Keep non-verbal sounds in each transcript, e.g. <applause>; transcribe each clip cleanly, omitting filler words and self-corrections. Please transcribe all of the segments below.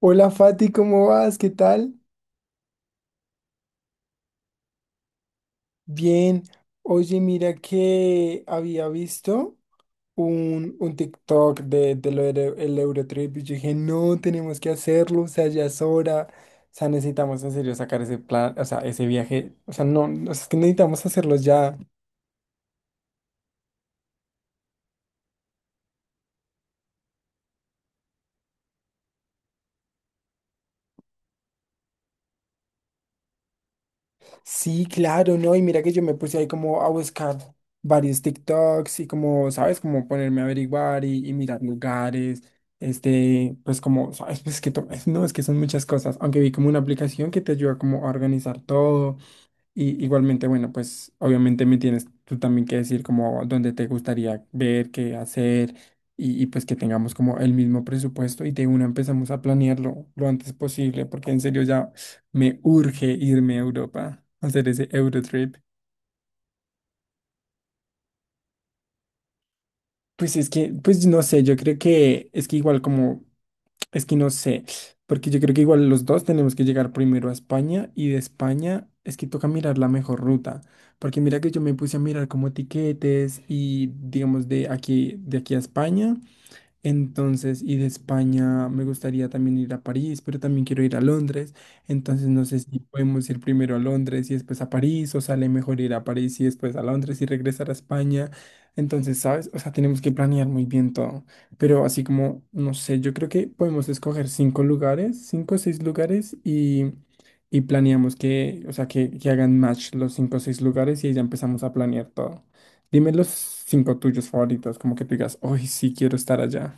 Hola Fati, ¿cómo vas? ¿Qué tal? Bien. Oye, mira que había visto un TikTok de lo del el Eurotrip y yo dije, no, tenemos que hacerlo, o sea, ya es hora, o sea, necesitamos en serio sacar ese plan, o sea, ese viaje, o sea, no, o sea, es que necesitamos hacerlo ya. Sí, claro, ¿no? Y mira que yo me puse ahí como a buscar varios TikToks y como, ¿sabes? Como ponerme a averiguar y mirar lugares, este, pues como, ¿sabes? Pues que, no, es que son muchas cosas, aunque vi como una aplicación que te ayuda como a organizar todo. Y igualmente, bueno, pues obviamente me tienes tú también que decir como dónde te gustaría ver, qué hacer y pues que tengamos como el mismo presupuesto y de una empezamos a planearlo lo antes posible porque en serio ya me urge irme a Europa a hacer ese Eurotrip. Pues es que, pues no sé, yo creo que es que igual como Es que no sé, porque yo creo que igual los dos tenemos que llegar primero a España y de España es que toca mirar la mejor ruta, porque mira que yo me puse a mirar como tiquetes y digamos de aquí a España. Entonces, y de España me gustaría también ir a París, pero también quiero ir a Londres. Entonces, no sé si podemos ir primero a Londres y después a París, o sale mejor ir a París y después a Londres y regresar a España. Entonces, ¿sabes? O sea, tenemos que planear muy bien todo. Pero así como, no sé, yo creo que podemos escoger cinco lugares, cinco o seis lugares y planeamos que, o sea, que hagan match los cinco o seis lugares y ahí ya empezamos a planear todo. Dime los cinco tuyos favoritos, como que tú digas, hoy sí quiero estar allá.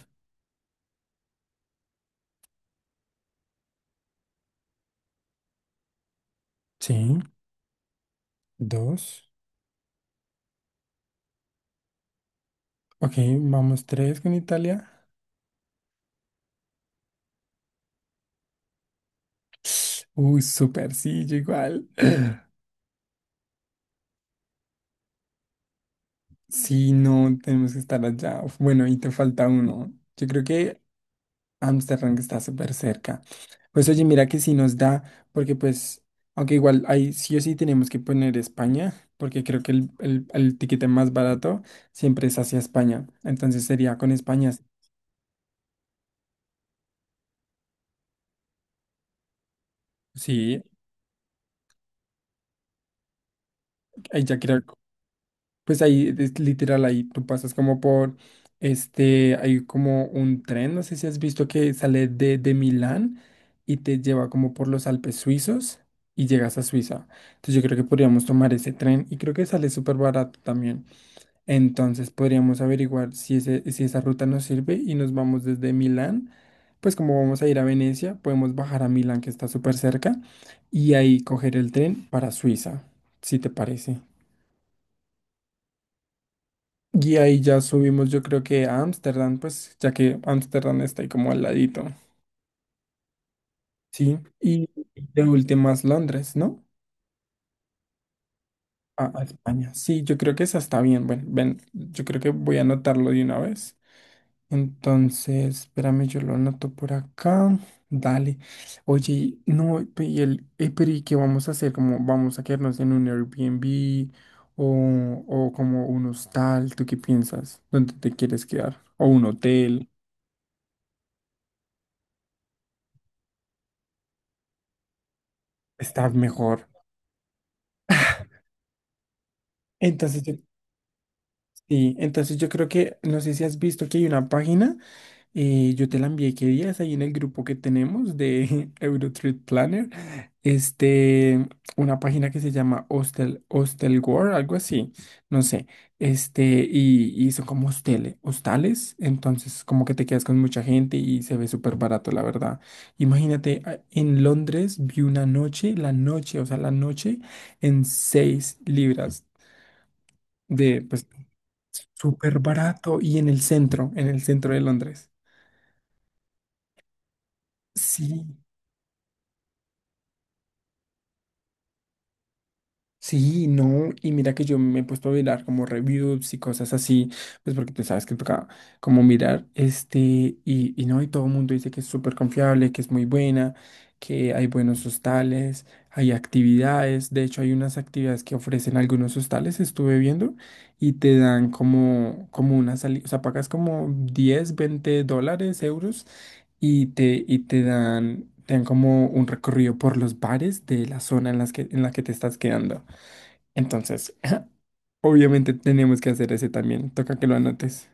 Sí, dos. Ok, vamos tres con Italia. Uy, súper, sí, yo igual. <clears throat> Sí, no, tenemos que estar allá. Uf, bueno, y te falta uno. Yo creo que Ámsterdam que está súper cerca. Pues oye, mira que sí nos da, porque pues, aunque igual ahí sí o sí tenemos que poner España, porque creo que el tiquete más barato siempre es hacia España. Entonces sería con España. Sí, ahí ya creo. Pues ahí, es literal, ahí tú pasas como por, este, hay como un tren, no sé si has visto que sale de Milán y te lleva como por los Alpes suizos y llegas a Suiza. Entonces yo creo que podríamos tomar ese tren y creo que sale súper barato también. Entonces podríamos averiguar si, ese, si esa ruta nos sirve y nos vamos desde Milán. Pues como vamos a ir a Venecia, podemos bajar a Milán, que está súper cerca, y ahí coger el tren para Suiza, si te parece. Y ahí ya subimos, yo creo que a Ámsterdam, pues, ya que Ámsterdam está ahí como al ladito, ¿sí? Y de últimas Londres, ¿no? A España. Sí, yo creo que esa está bien. Bueno, ven, yo creo que voy a anotarlo de una vez. Entonces, espérame, yo lo anoto por acá. Dale. Oye, no, y el, pero ¿y qué vamos a hacer? ¿Cómo vamos a quedarnos en un Airbnb o como un hostal? ¿Tú qué piensas? ¿Dónde te quieres quedar? ¿O un hotel? Está mejor. Entonces, sí, entonces yo creo que, no sé si has visto que hay una página, yo te la envié qué días ahí en el grupo que tenemos de <laughs> Eurotrip Planner, este, una página que se llama Hostel, Hostel World, algo así, no sé, este, y son como hosteles, hostales, entonces como que te quedas con mucha gente y se ve súper barato, la verdad. Imagínate, en Londres vi una noche, la noche, o sea, la noche en 6 libras de, pues, súper barato y en el centro de Londres. Sí, sí, no. Y mira que yo me he puesto a mirar como reviews y cosas así, pues porque tú sabes que toca como mirar este y no, y todo el mundo dice que es súper confiable, que es muy buena, que hay buenos hostales, hay actividades. De hecho, hay unas actividades que ofrecen algunos hostales, estuve viendo, y te dan como, como una salida, o sea, pagas como 10, 20 dólares, euros y te dan como un recorrido por los bares de la zona en las que, en la que te estás quedando. Entonces, <laughs> obviamente tenemos que hacer ese también. Toca que lo anotes.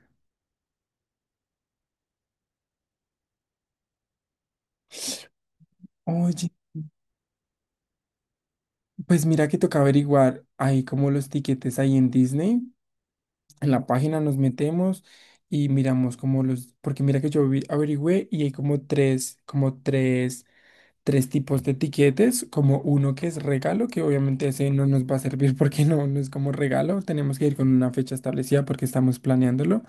Oye, pues mira que toca averiguar ahí como los tiquetes ahí en Disney. En la página nos metemos y miramos como los, porque mira que yo averigüé y hay como tres, como tres tipos de tiquetes, como uno que es regalo, que obviamente ese no nos va a servir <laughs> porque no, no es como regalo, tenemos que ir con una fecha establecida porque estamos planeándolo,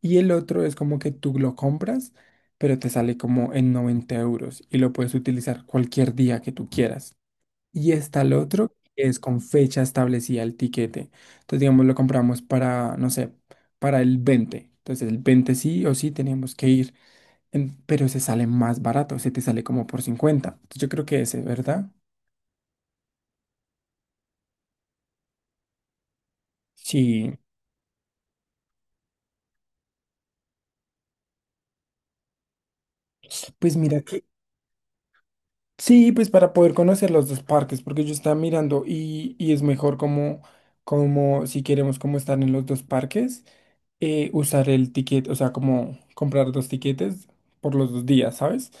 y el otro es como que tú lo compras, pero te sale como en 90 euros y lo puedes utilizar cualquier día que tú quieras. Y está el otro que es con fecha establecida el tiquete. Entonces, digamos, lo compramos para, no sé, para el 20. Entonces, el 20 sí o sí tenemos que ir pero se sale más barato, se te sale como por 50. Entonces, yo creo que ese, ¿verdad? Sí. Pues mira sí, pues para poder conocer los dos parques, porque yo estaba mirando y es mejor como, como si queremos como estar en los dos parques, usar el ticket, o sea, como comprar dos tiquetes por los dos días, ¿sabes?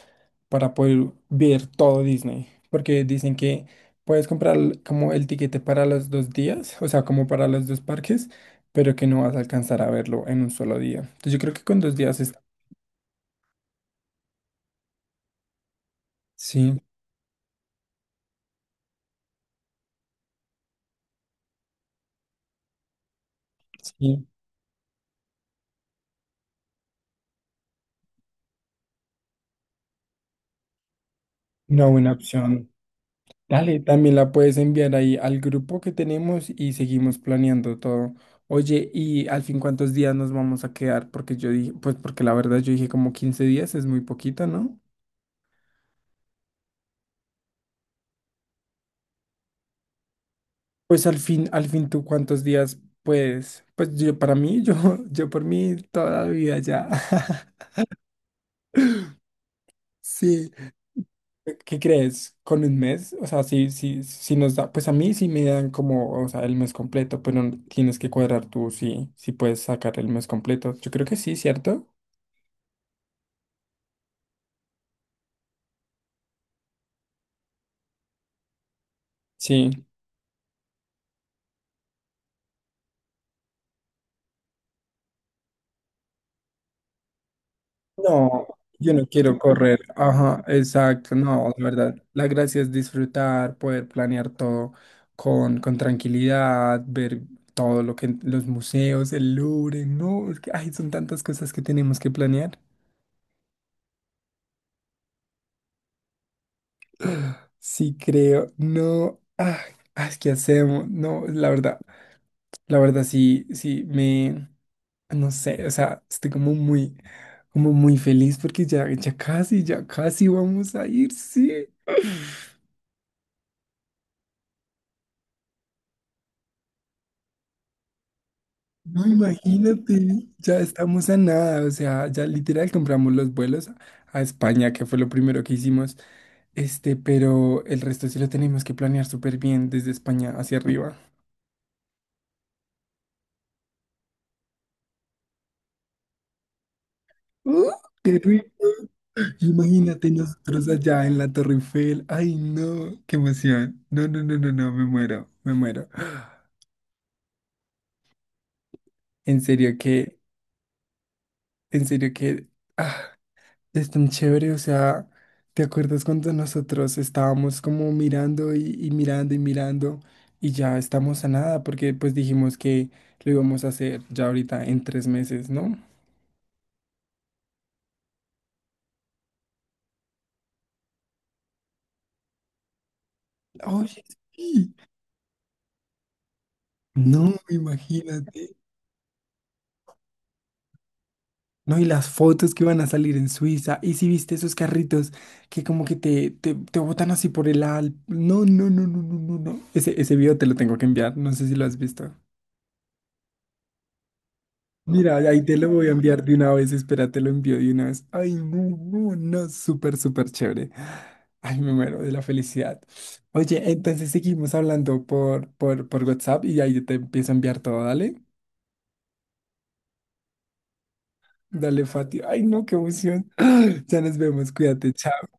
Para poder ver todo Disney, porque dicen que puedes comprar como el tiquete para los dos días, o sea, como para los dos parques, pero que no vas a alcanzar a verlo en un solo día. Entonces yo creo que con dos días es, sí, sí, una buena opción. Dale, también la puedes enviar ahí al grupo que tenemos y seguimos planeando todo. Oye, ¿y al fin cuántos días nos vamos a quedar? Porque yo dije, pues porque la verdad yo dije como 15 días, es muy poquito, ¿no? Pues al fin tú cuántos días, pues, pues yo para mí, yo, <laughs> yo por mí toda la vida ya. <laughs> Sí. ¿Qué crees? ¿Con un mes? O sea, si, si, si nos da, pues a mí sí me dan como, o sea, el mes completo, pero tienes que cuadrar tú si, si puedes sacar el mes completo. Yo creo que sí, ¿cierto? Sí. No, yo no quiero correr. Ajá, exacto. No, la verdad. La gracia es disfrutar, poder planear todo con tranquilidad, ver todo lo que los museos, el Louvre, no, es que ay, son tantas cosas que tenemos que planear. Sí, creo, no, ay, ay, ¿qué hacemos? No, la verdad sí, sí, me, no sé, o sea, estoy como muy feliz porque ya, ya casi vamos a ir, sí. No, imagínate, ya estamos a nada, o sea, ya literal compramos los vuelos a España, que fue lo primero que hicimos, este, pero el resto sí lo tenemos que planear súper bien desde España hacia arriba. ¡Uh! ¡Qué rico! Imagínate nosotros allá en la Torre Eiffel, ay no, qué emoción, no, no, no, no, no, me muero, <gasps> en serio que, en serio que, ah. Es tan chévere, o sea, ¿te acuerdas cuando nosotros estábamos como mirando y mirando y mirando y ya estamos a nada porque pues dijimos que lo íbamos a hacer ya ahorita en 3 meses, ¿no? Oye, sí. No, imagínate. No, y las fotos que van a salir en Suiza. Y si viste esos carritos que como que te botan así por el al... No, no, no, no, no, no, no. Ese video te lo tengo que enviar. No sé si lo has visto. Mira, ahí te lo voy a enviar de una vez, espera, te lo envío de una vez. Ay, no, no, no, súper, súper chévere. Ay, me muero de la felicidad. Oye, entonces seguimos hablando por WhatsApp y ahí te empiezo a enviar todo, dale. Dale, Fati. Ay, no, qué emoción. <gasps> <clears throat> Ya nos vemos, cuídate, chao.